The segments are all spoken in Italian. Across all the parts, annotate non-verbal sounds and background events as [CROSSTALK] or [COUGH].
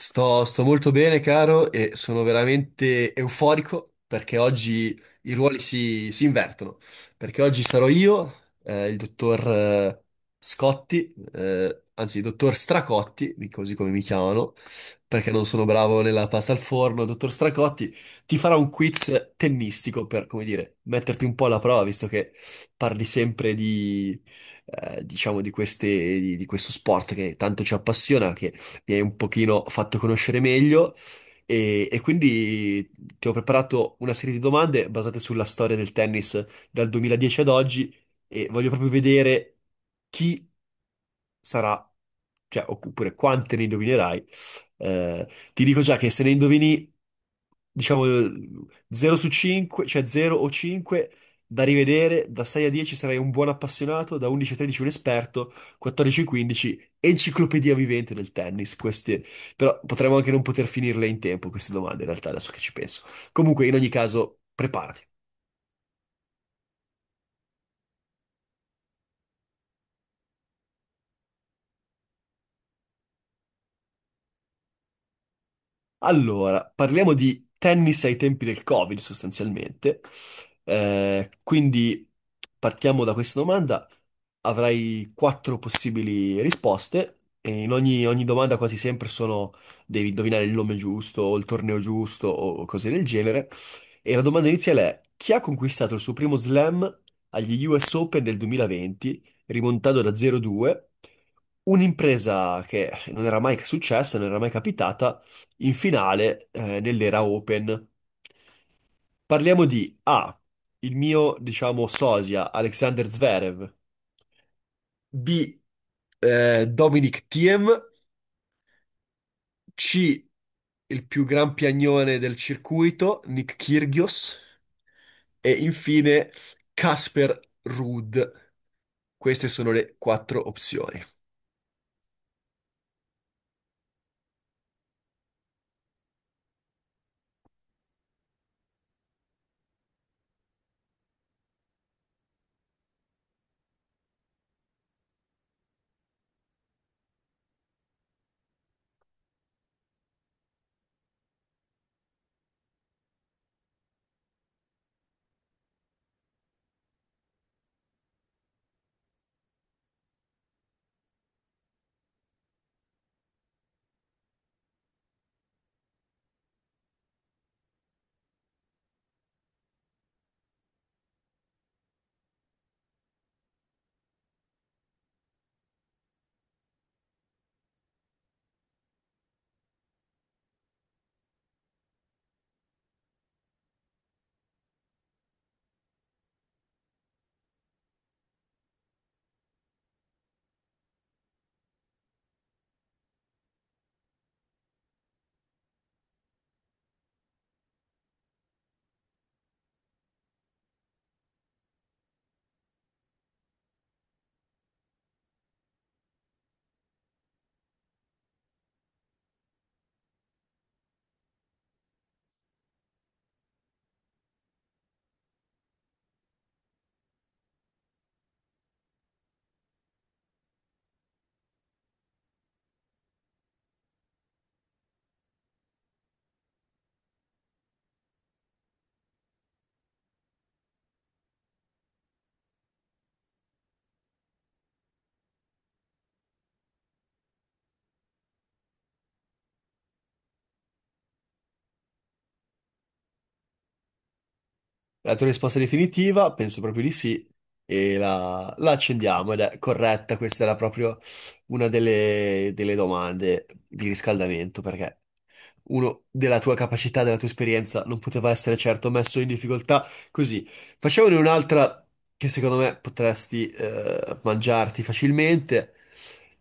Sto molto bene, caro, e sono veramente euforico perché oggi i ruoli si invertono. Perché oggi sarò io, il dottor Scotti, anzi, il dottor Stracotti, così come mi chiamano, perché non sono bravo nella pasta al forno. Dottor Stracotti ti farà un quiz tennistico per, come dire, metterti un po' alla prova, visto che parli sempre di, diciamo, di questo sport che tanto ci appassiona, mi hai un pochino fatto conoscere meglio e quindi ti ho preparato una serie di domande basate sulla storia del tennis dal 2010 ad oggi e voglio proprio vedere chi sarà, cioè, oppure quante ne indovinerai. Ti dico già che se ne indovini, diciamo, 0 su 5, cioè 0 o 5, da rivedere, da 6 a 10 sarai un buon appassionato, da 11 a 13 un esperto, 14 a 15 enciclopedia vivente del tennis, queste, però potremmo anche non poter finirle in tempo queste domande, in realtà, adesso che ci penso. Comunque, in ogni caso, preparati. Allora, parliamo di tennis ai tempi del Covid sostanzialmente. Quindi partiamo da questa domanda. Avrai quattro possibili risposte e in ogni domanda quasi sempre sono devi indovinare il nome giusto o il torneo giusto o cose del genere. E la domanda iniziale è chi ha conquistato il suo primo slam agli US Open del 2020, rimontando da 0-2? Un'impresa che non era mai successa, non era mai capitata in finale nell'era Open. Parliamo di A, il mio, diciamo, sosia Alexander Zverev, B, Dominic Thiem, C, il più gran piagnone del circuito, Nick Kyrgios, e infine Casper Ruud. Queste sono le quattro opzioni. La tua risposta è definitiva? Penso proprio di sì. E la accendiamo ed è corretta. Questa era proprio una delle domande di riscaldamento perché uno della tua capacità, della tua esperienza, non poteva essere certo messo in difficoltà così. Facciamone un'altra che secondo me potresti mangiarti facilmente.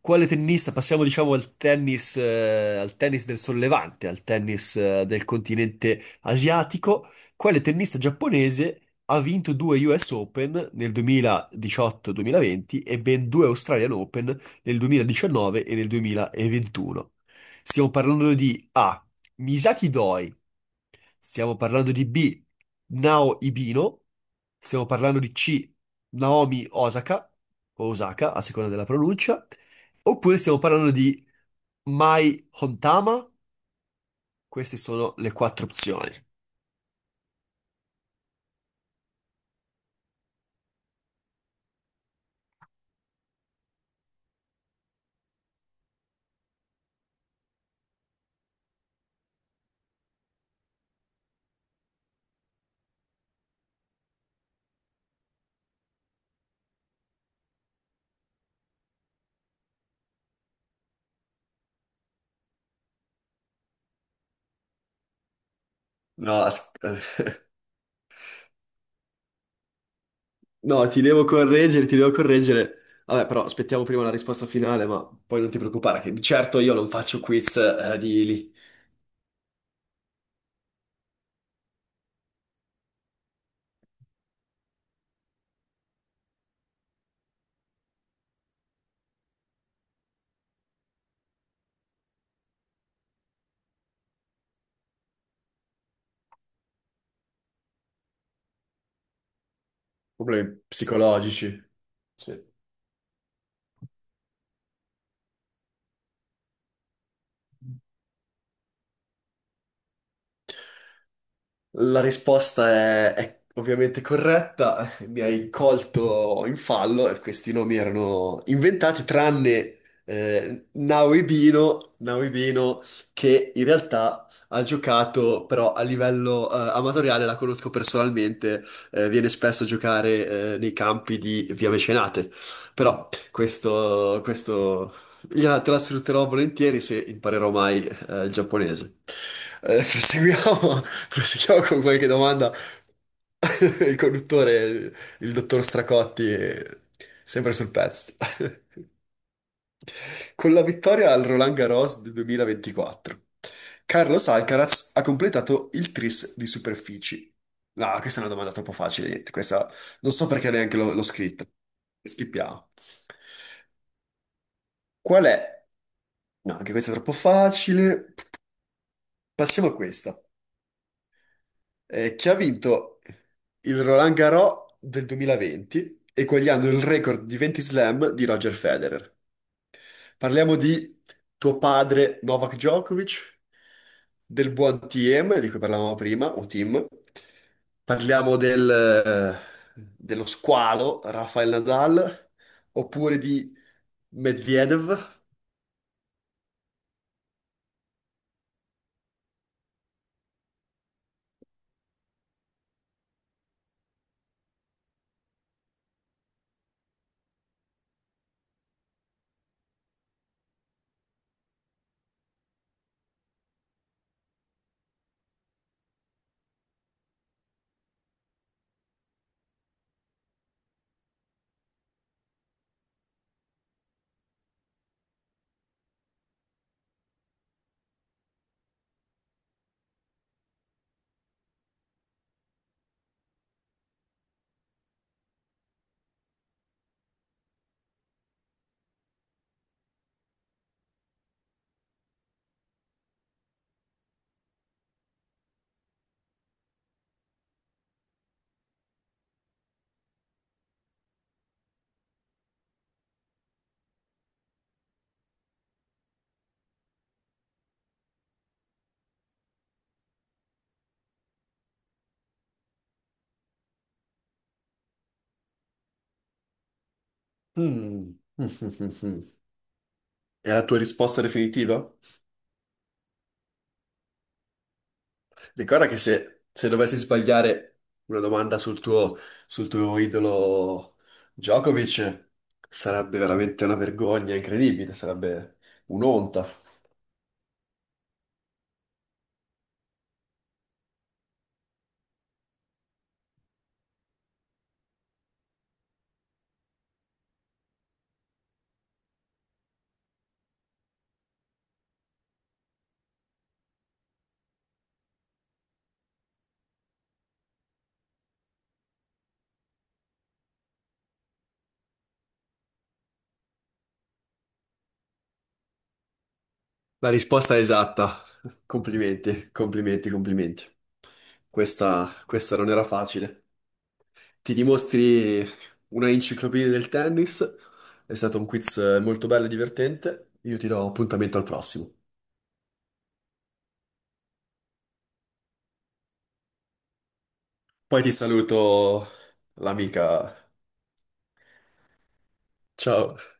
Quale tennista? Passiamo, diciamo, al tennis del sollevante, al tennis del continente asiatico. Quale tennista giapponese ha vinto due US Open nel 2018-2020 e ben due Australian Open nel 2019 e nel 2021? Stiamo parlando di A. Misaki Doi. Stiamo parlando di B, Nao Ibino. Stiamo parlando di C, Naomi Osaka, o Osaka, a seconda della pronuncia. Oppure stiamo parlando di Mai Hontama. Queste sono le quattro opzioni. No, no, ti devo correggere, ti devo correggere. Vabbè, però aspettiamo prima la risposta finale, ma poi non ti preoccupare, che di certo io non faccio quiz di problemi psicologici. Sì. La risposta è ovviamente corretta, mi hai colto in fallo, e questi nomi erano inventati tranne Nauibino, Nauibino, che in realtà ha giocato però a livello amatoriale, la conosco personalmente, viene spesso a giocare nei campi di Via Mecenate, però questo te la sfrutterò volentieri se imparerò mai il giapponese. Eh, [LAUGHS] proseguiamo Proseguiamo con qualche domanda. [LAUGHS] Il conduttore, il dottor Stracotti, è sempre sul pezzo. [LAUGHS] Con la vittoria al Roland Garros del 2024, Carlos Alcaraz ha completato il tris di superfici. No, questa è una domanda troppo facile, niente, questa non so perché neanche l'ho scritta. Schippiamo. Qual è? No, anche questa è troppo facile. Passiamo a questa. Che ha vinto il Roland Garros del 2020, eguagliando il record di 20 slam di Roger Federer. Parliamo di tuo padre Novak Djokovic, del buon TM di cui parlavamo prima, o Tim. Parliamo dello squalo Rafael Nadal, oppure di Medvedev. Mm. [LAUGHS] È la tua risposta definitiva? Ricorda che se, dovessi sbagliare una domanda sul tuo idolo Djokovic, sarebbe veramente una vergogna incredibile, sarebbe un'onta. La risposta è esatta. Complimenti, complimenti, complimenti. Questa non era facile. Ti dimostri una enciclopedia del tennis. È stato un quiz molto bello e divertente. Io ti do appuntamento al prossimo. Poi ti saluto l'amica. Ciao.